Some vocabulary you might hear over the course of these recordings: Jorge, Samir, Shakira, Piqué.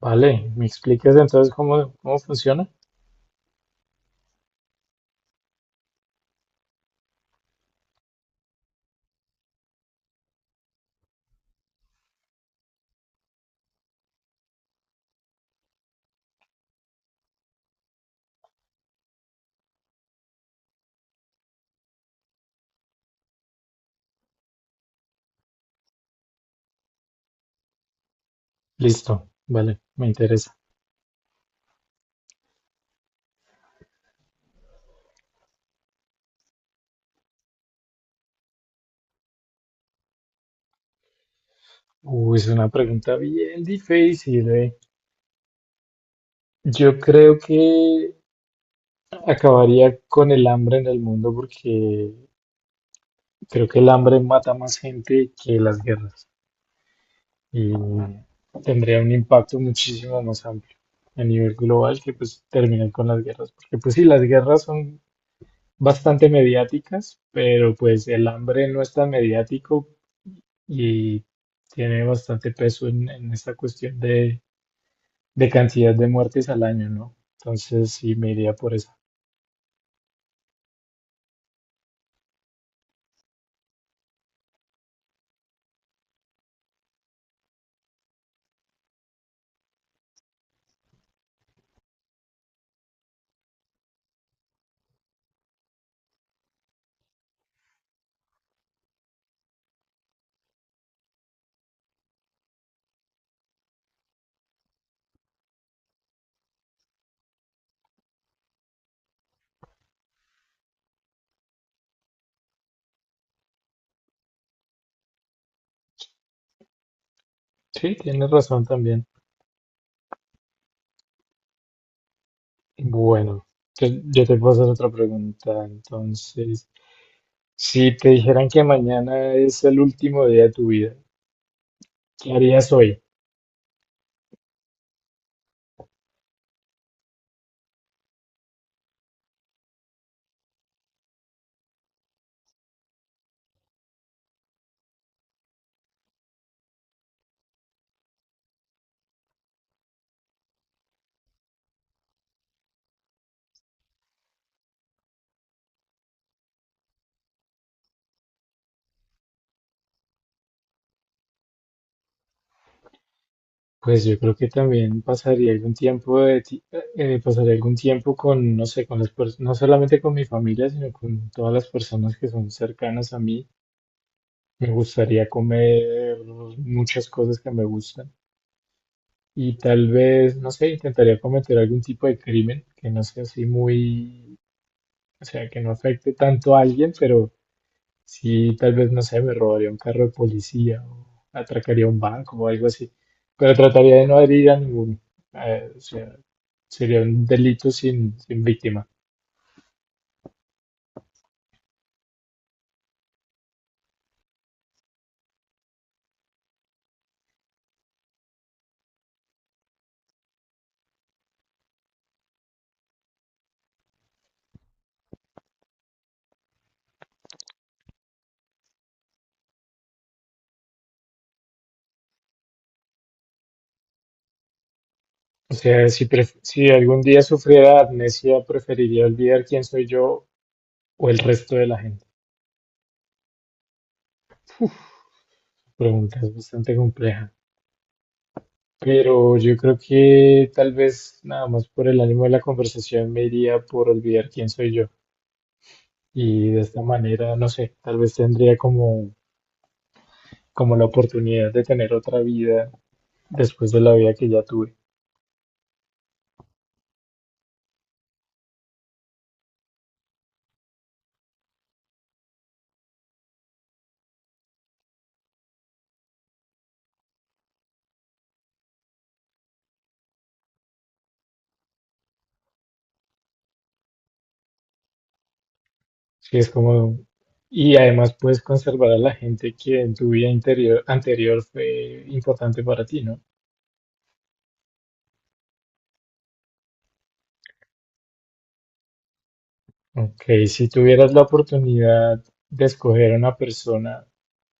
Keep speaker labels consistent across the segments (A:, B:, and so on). A: Vale, ¿me explicas entonces cómo funciona? Listo, vale, me interesa. Uy, es una pregunta bien difícil, eh. Yo creo que acabaría con el hambre en el mundo porque creo que el hambre mata más gente que las guerras y tendría un impacto muchísimo más amplio a nivel global que pues terminar con las guerras. Porque pues sí, las guerras son bastante mediáticas, pero pues el hambre no es tan mediático y tiene bastante peso en esta cuestión de cantidad de muertes al año, ¿no? Entonces sí me iría por esa. Sí, tienes razón también. Bueno, yo te puedo hacer otra pregunta. Entonces, si te dijeran que mañana es el último día de tu vida, ¿qué harías hoy? Pues yo creo que también pasaría algún tiempo con, no sé, con las no solamente con mi familia, sino con todas las personas que son cercanas a mí. Me gustaría comer muchas cosas que me gustan y tal vez, no sé, intentaría cometer algún tipo de crimen que no sea así muy, o sea, que no afecte tanto a alguien, pero sí, tal vez, no sé, me robaría un carro de policía o atracaría un banco o algo así, pero trataría de no herir a ninguno. O sea, sería un delito sin víctima. O sea, si algún día sufriera amnesia, preferiría olvidar quién soy yo o el resto de la gente. Pregunta es bastante compleja, pero yo creo que tal vez nada más por el ánimo de la conversación me iría por olvidar quién soy yo. Y de esta manera, no sé, tal vez tendría como la oportunidad de tener otra vida después de la vida que ya tuve. Sí, es como, y además puedes conservar a la gente que en tu vida anterior fue importante para ti, ¿no? Ok, si tuvieras la oportunidad de escoger a una persona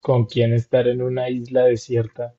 A: con quien estar en una isla desierta,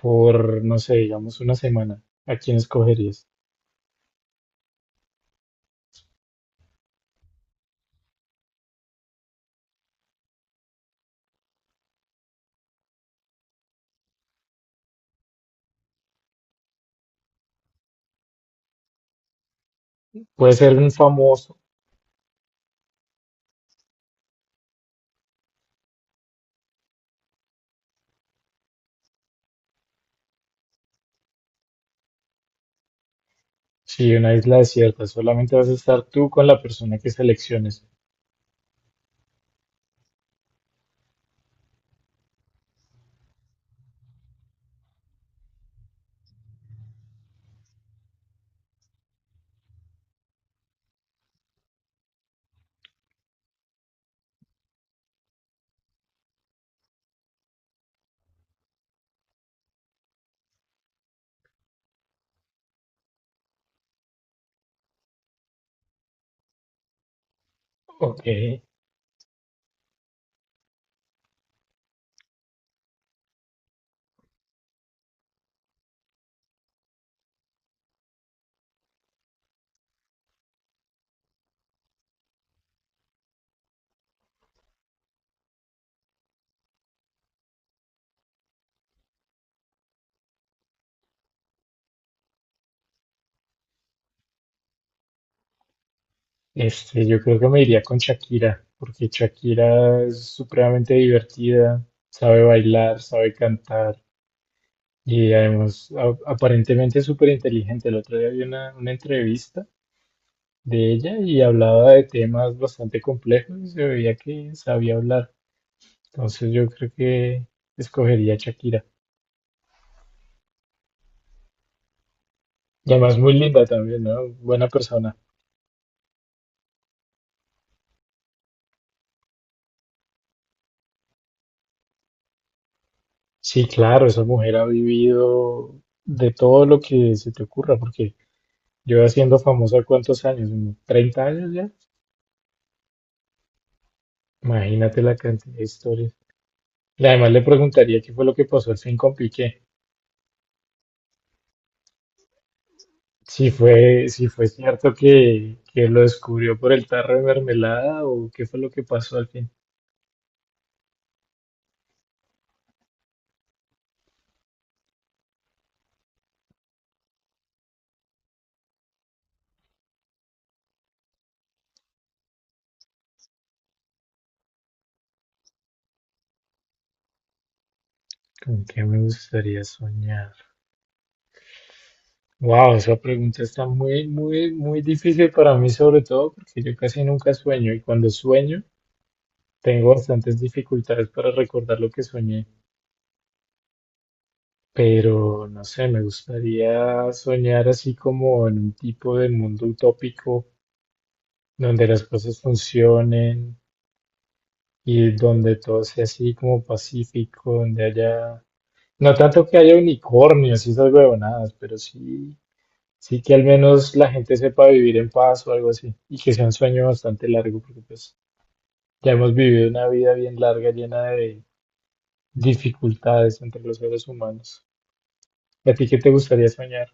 A: por, no sé, digamos una semana, ¿a quién escogerías? Puede ser un famoso, sí, una isla desierta, solamente vas a estar tú con la persona que selecciones. Ok, este, yo creo que me iría con Shakira, porque Shakira es supremamente divertida, sabe bailar, sabe cantar y además aparentemente es súper inteligente. El otro día vi una entrevista de ella y hablaba de temas bastante complejos y se veía que sabía hablar. Entonces yo creo que escogería a Shakira. Y además muy linda también, ¿no? Buena persona. Sí, claro, esa mujer ha vivido de todo lo que se te ocurra, porque yo siendo famosa cuántos años, unos 30 años ya. Imagínate la cantidad de historias. Y además le preguntaría qué fue lo que pasó al fin con Piqué. Si fue cierto que lo descubrió por el tarro de mermelada o qué fue lo que pasó al fin. ¿Con qué me gustaría soñar? Wow, esa pregunta está muy difícil para mí, sobre todo porque yo casi nunca sueño y cuando sueño tengo bastantes dificultades para recordar lo que soñé. Pero no sé, me gustaría soñar así como en un tipo de mundo utópico donde las cosas funcionen y donde todo sea así como pacífico, donde haya, no tanto que haya unicornios y esas huevonadas, pero sí. Sí, que al menos la gente sepa vivir en paz o algo así. Y que sea un sueño bastante largo, porque pues ya hemos vivido una vida bien larga, llena de dificultades entre los seres humanos. ¿Y a ti qué te gustaría soñar?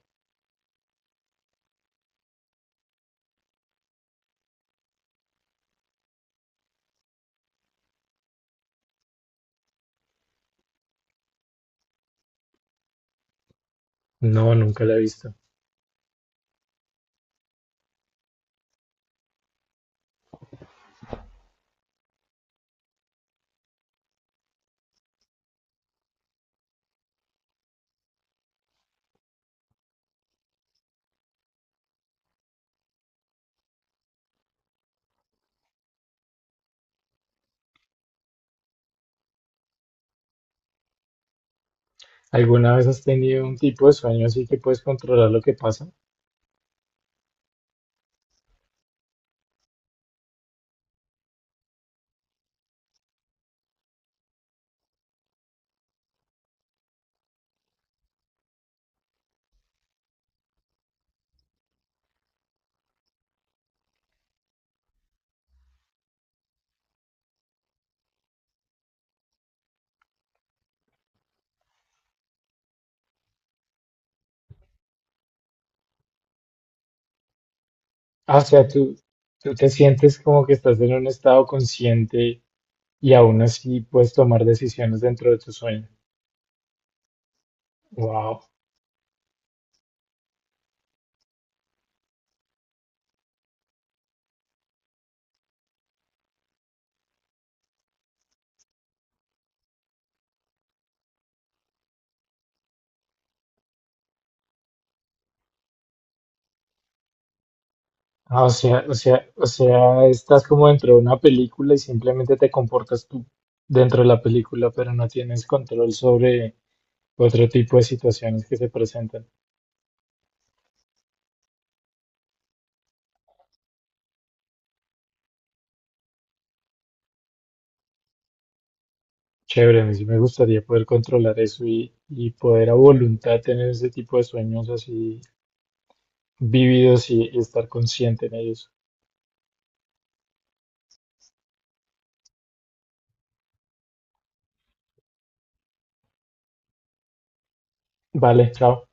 A: No, nunca la he visto. ¿Alguna vez has tenido un tipo de sueño así que puedes controlar lo que pasa? Ah, o sea, tú te sientes como que estás en un estado consciente y aún así puedes tomar decisiones dentro de tu sueño. Wow. Ah, o sea, estás como dentro de una película y simplemente te comportas tú dentro de la película, pero no tienes control sobre otro tipo de situaciones que se presentan. Chévere, a mí sí me gustaría poder controlar eso y poder a voluntad tener ese tipo de sueños así vividos y estar consciente en ellos. Vale, chao.